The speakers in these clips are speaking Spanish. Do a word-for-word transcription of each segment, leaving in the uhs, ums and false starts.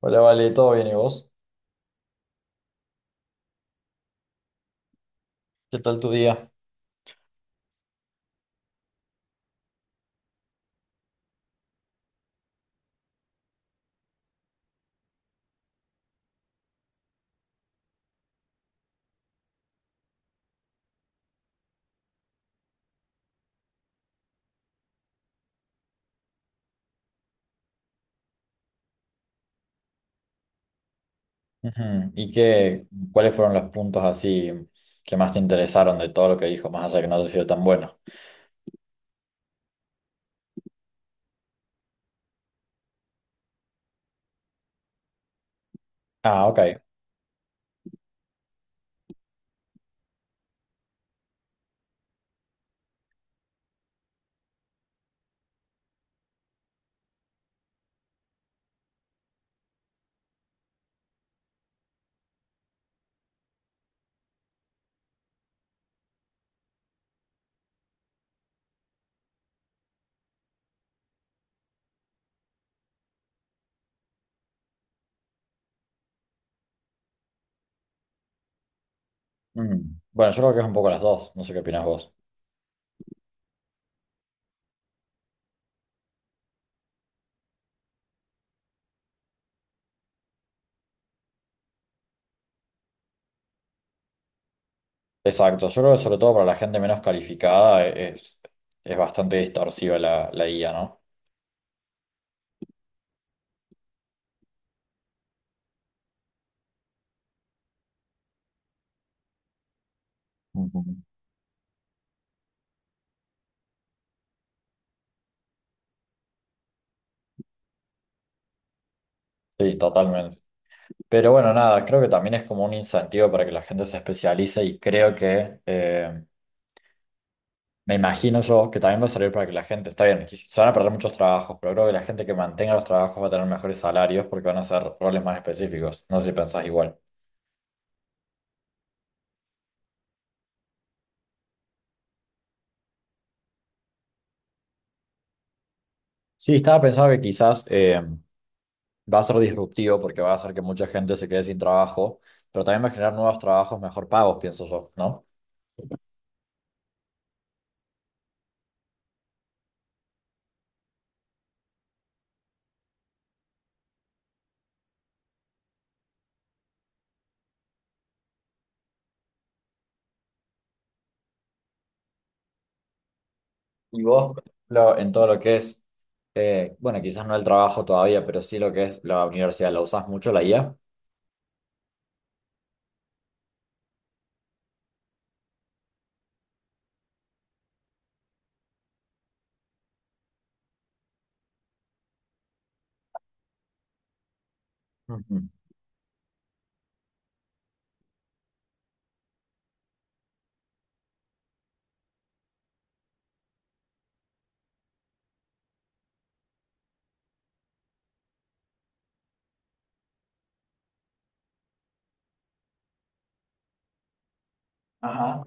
Hola, Vale, ¿todo bien y vos? ¿Qué tal tu día? Ujú. ¿Y qué, cuáles fueron los puntos así que más te interesaron de todo lo que dijo, más allá de que no haya sido tan bueno? Ah, ok. Mm. Bueno, yo creo que es un poco las dos, no sé qué opinas vos. Exacto, yo creo que sobre todo para la gente menos calificada es, es bastante distorsiva la, la I A, ¿no? Ujú. Sí, totalmente. Pero bueno, nada, creo que también es como un incentivo para que la gente se especialice y creo que eh, me imagino yo que también va a servir para que la gente, está bien, quiz- se van a perder muchos trabajos, pero creo que la gente que mantenga los trabajos va a tener mejores salarios porque van a ser roles más específicos. No sé si pensás igual. Sí, estaba pensando que quizás eh, va a ser disruptivo porque va a hacer que mucha gente se quede sin trabajo, pero también va a generar nuevos trabajos mejor pagos, pienso yo, ¿no? Y vos, por ejemplo, en todo lo que es, eh, bueno, quizás no el trabajo todavía, pero sí lo que es la universidad, ¿la usás mucho la I A? Ujú. Ajá.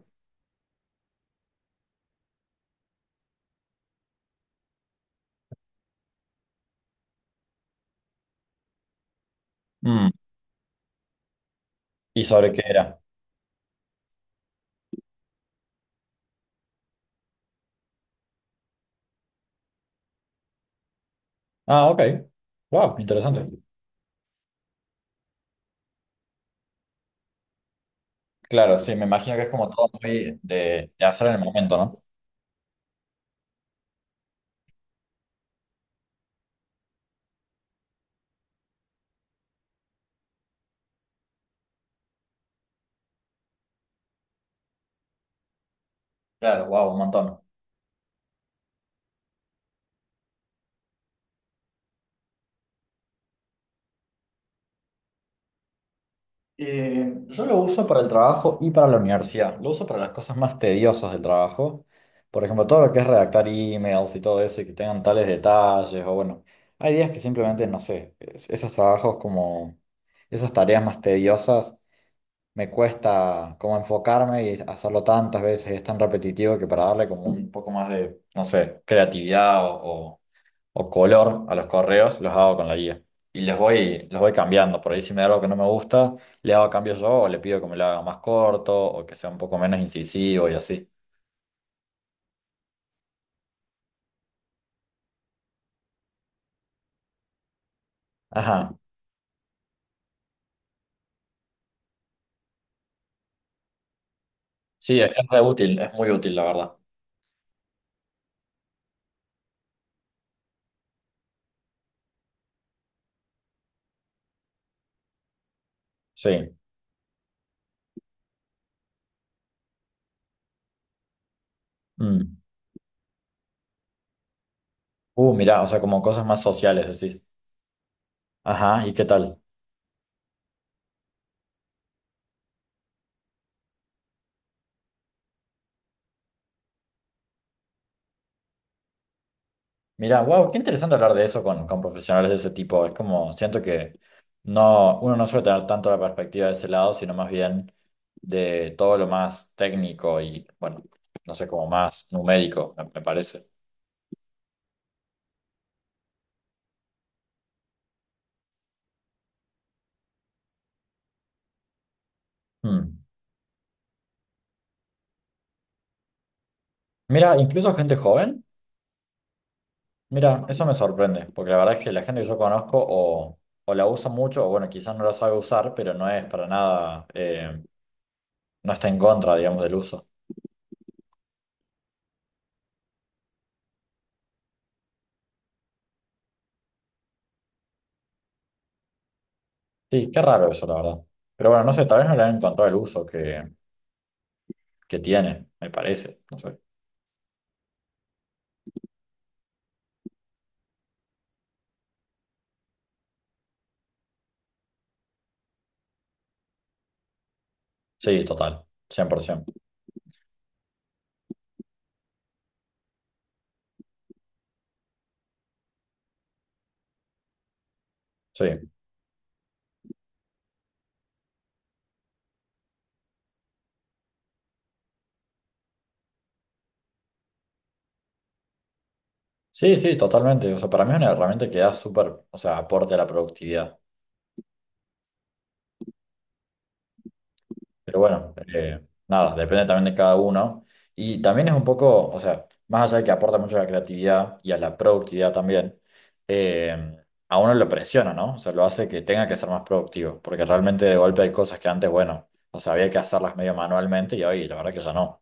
Mm, ¿y sobre qué era? Ah, ok. Wow, interesante. Claro, sí, me imagino que es como todo muy de, de hacer en el momento, ¿no? Claro, wow, un montón. Eh, yo lo uso para el trabajo y para la universidad. Lo uso para las cosas más tediosas del trabajo. Por ejemplo, todo lo que es redactar emails y todo eso y que tengan tales detalles o bueno, hay días que simplemente, no sé, es- esos trabajos como esas tareas más tediosas me cuesta como enfocarme y hacerlo tantas veces, es tan repetitivo que para darle como un poco más de, no sé, creatividad o o color a los correos, los hago con la guía. Y les voy, los voy cambiando. Por ahí si me da algo que no me gusta, le hago cambios yo o le pido que me lo haga más corto o que sea un poco menos incisivo y así. Ajá. Sí, es re útil, es muy útil, la verdad. Sí. Mm. Uh, mirá, o sea, como cosas más sociales, decís. Ajá, ¿y qué tal? Mirá, wow, qué interesante hablar de eso con, con profesionales de ese tipo. Es como, siento que no, uno no suele tener tanto la perspectiva de ese lado, sino más bien de todo lo más técnico y, bueno, no sé, como más numérico, me, me parece. Hmm. Mira, incluso gente joven, mira, eso me sorprende, porque la verdad es que la gente que yo conozco o, o la usa mucho, o bueno, quizás no la sabe usar, pero no es para nada, eh, no está en contra, digamos, del uso. Sí, qué raro eso, la verdad. Pero bueno, no sé, tal vez no le han encontrado el uso que que tiene, me parece. No sé. Sí, total, cien por ciento. Sí, sí, sí, totalmente. O sea, para mí es una herramienta que da súper, o sea, aporte a la productividad. Pero bueno, eh, nada, depende también de cada uno. Y también es un poco, o sea, más allá de que aporta mucho a la creatividad y a la productividad también, eh, a uno lo presiona, ¿no? O sea, lo hace que tenga que ser más productivo. Porque realmente de golpe hay cosas que antes, bueno, o sea, había que hacerlas medio manualmente y hoy la verdad que ya no.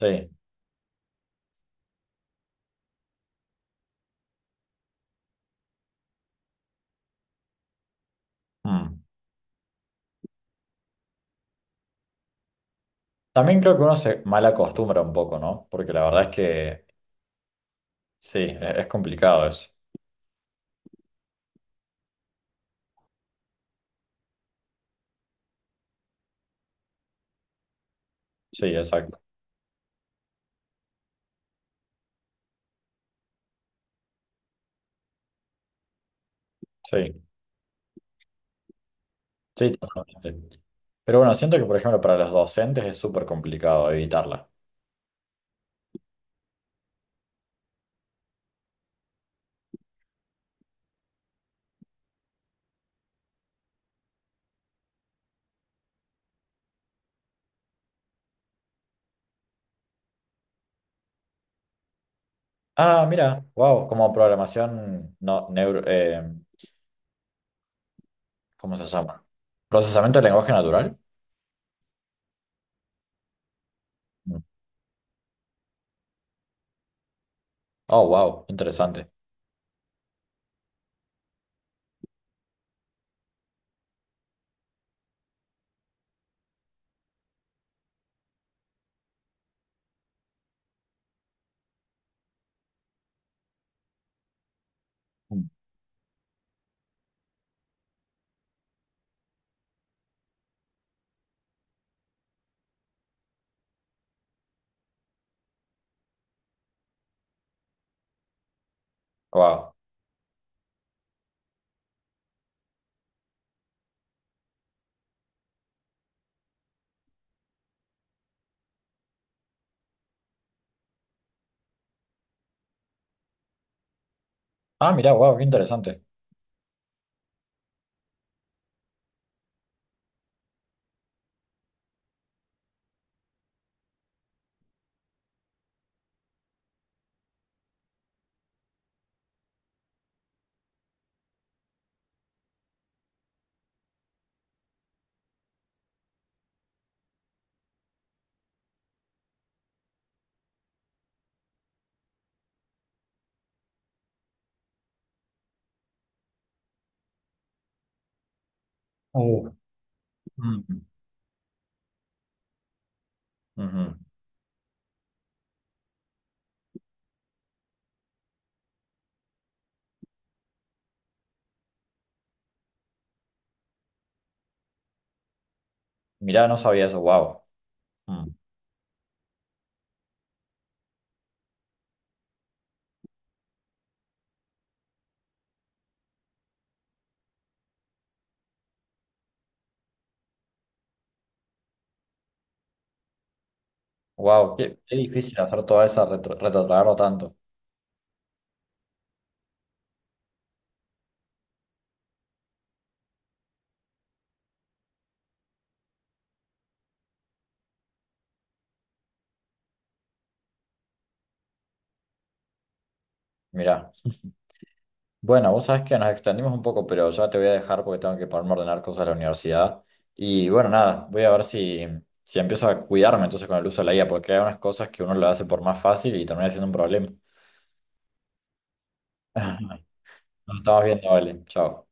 Sí. Mm. También creo que uno se mal acostumbra un poco, ¿no? Porque la verdad es que sí, e- es complicado eso. Sí, exacto. Sí, sí, totalmente. Pero bueno, siento que, por ejemplo, para los docentes es súper complicado evitarla. Ah, mira, wow, como programación, no, neuro, eh, ¿cómo se llama? Procesamiento de lenguaje natural. Mm. Oh, wow, interesante. Wow. Ah, mira, wow, qué interesante. Oh. Mm. Ujú. Mirá, no sabía eso, wow. Wow, qué, qué difícil hacer toda esa retro- retrotraerlo tanto. Mirá. Bueno, vos sabés que nos extendimos un poco, pero ya te voy a dejar porque tengo que ponerme a ordenar cosas a la universidad. Y bueno, nada, voy a ver si, si empiezo a cuidarme entonces con el uso de la I A, porque hay unas cosas que uno lo hace por más fácil y termina siendo un problema. Nos estamos viendo, vale. Chao.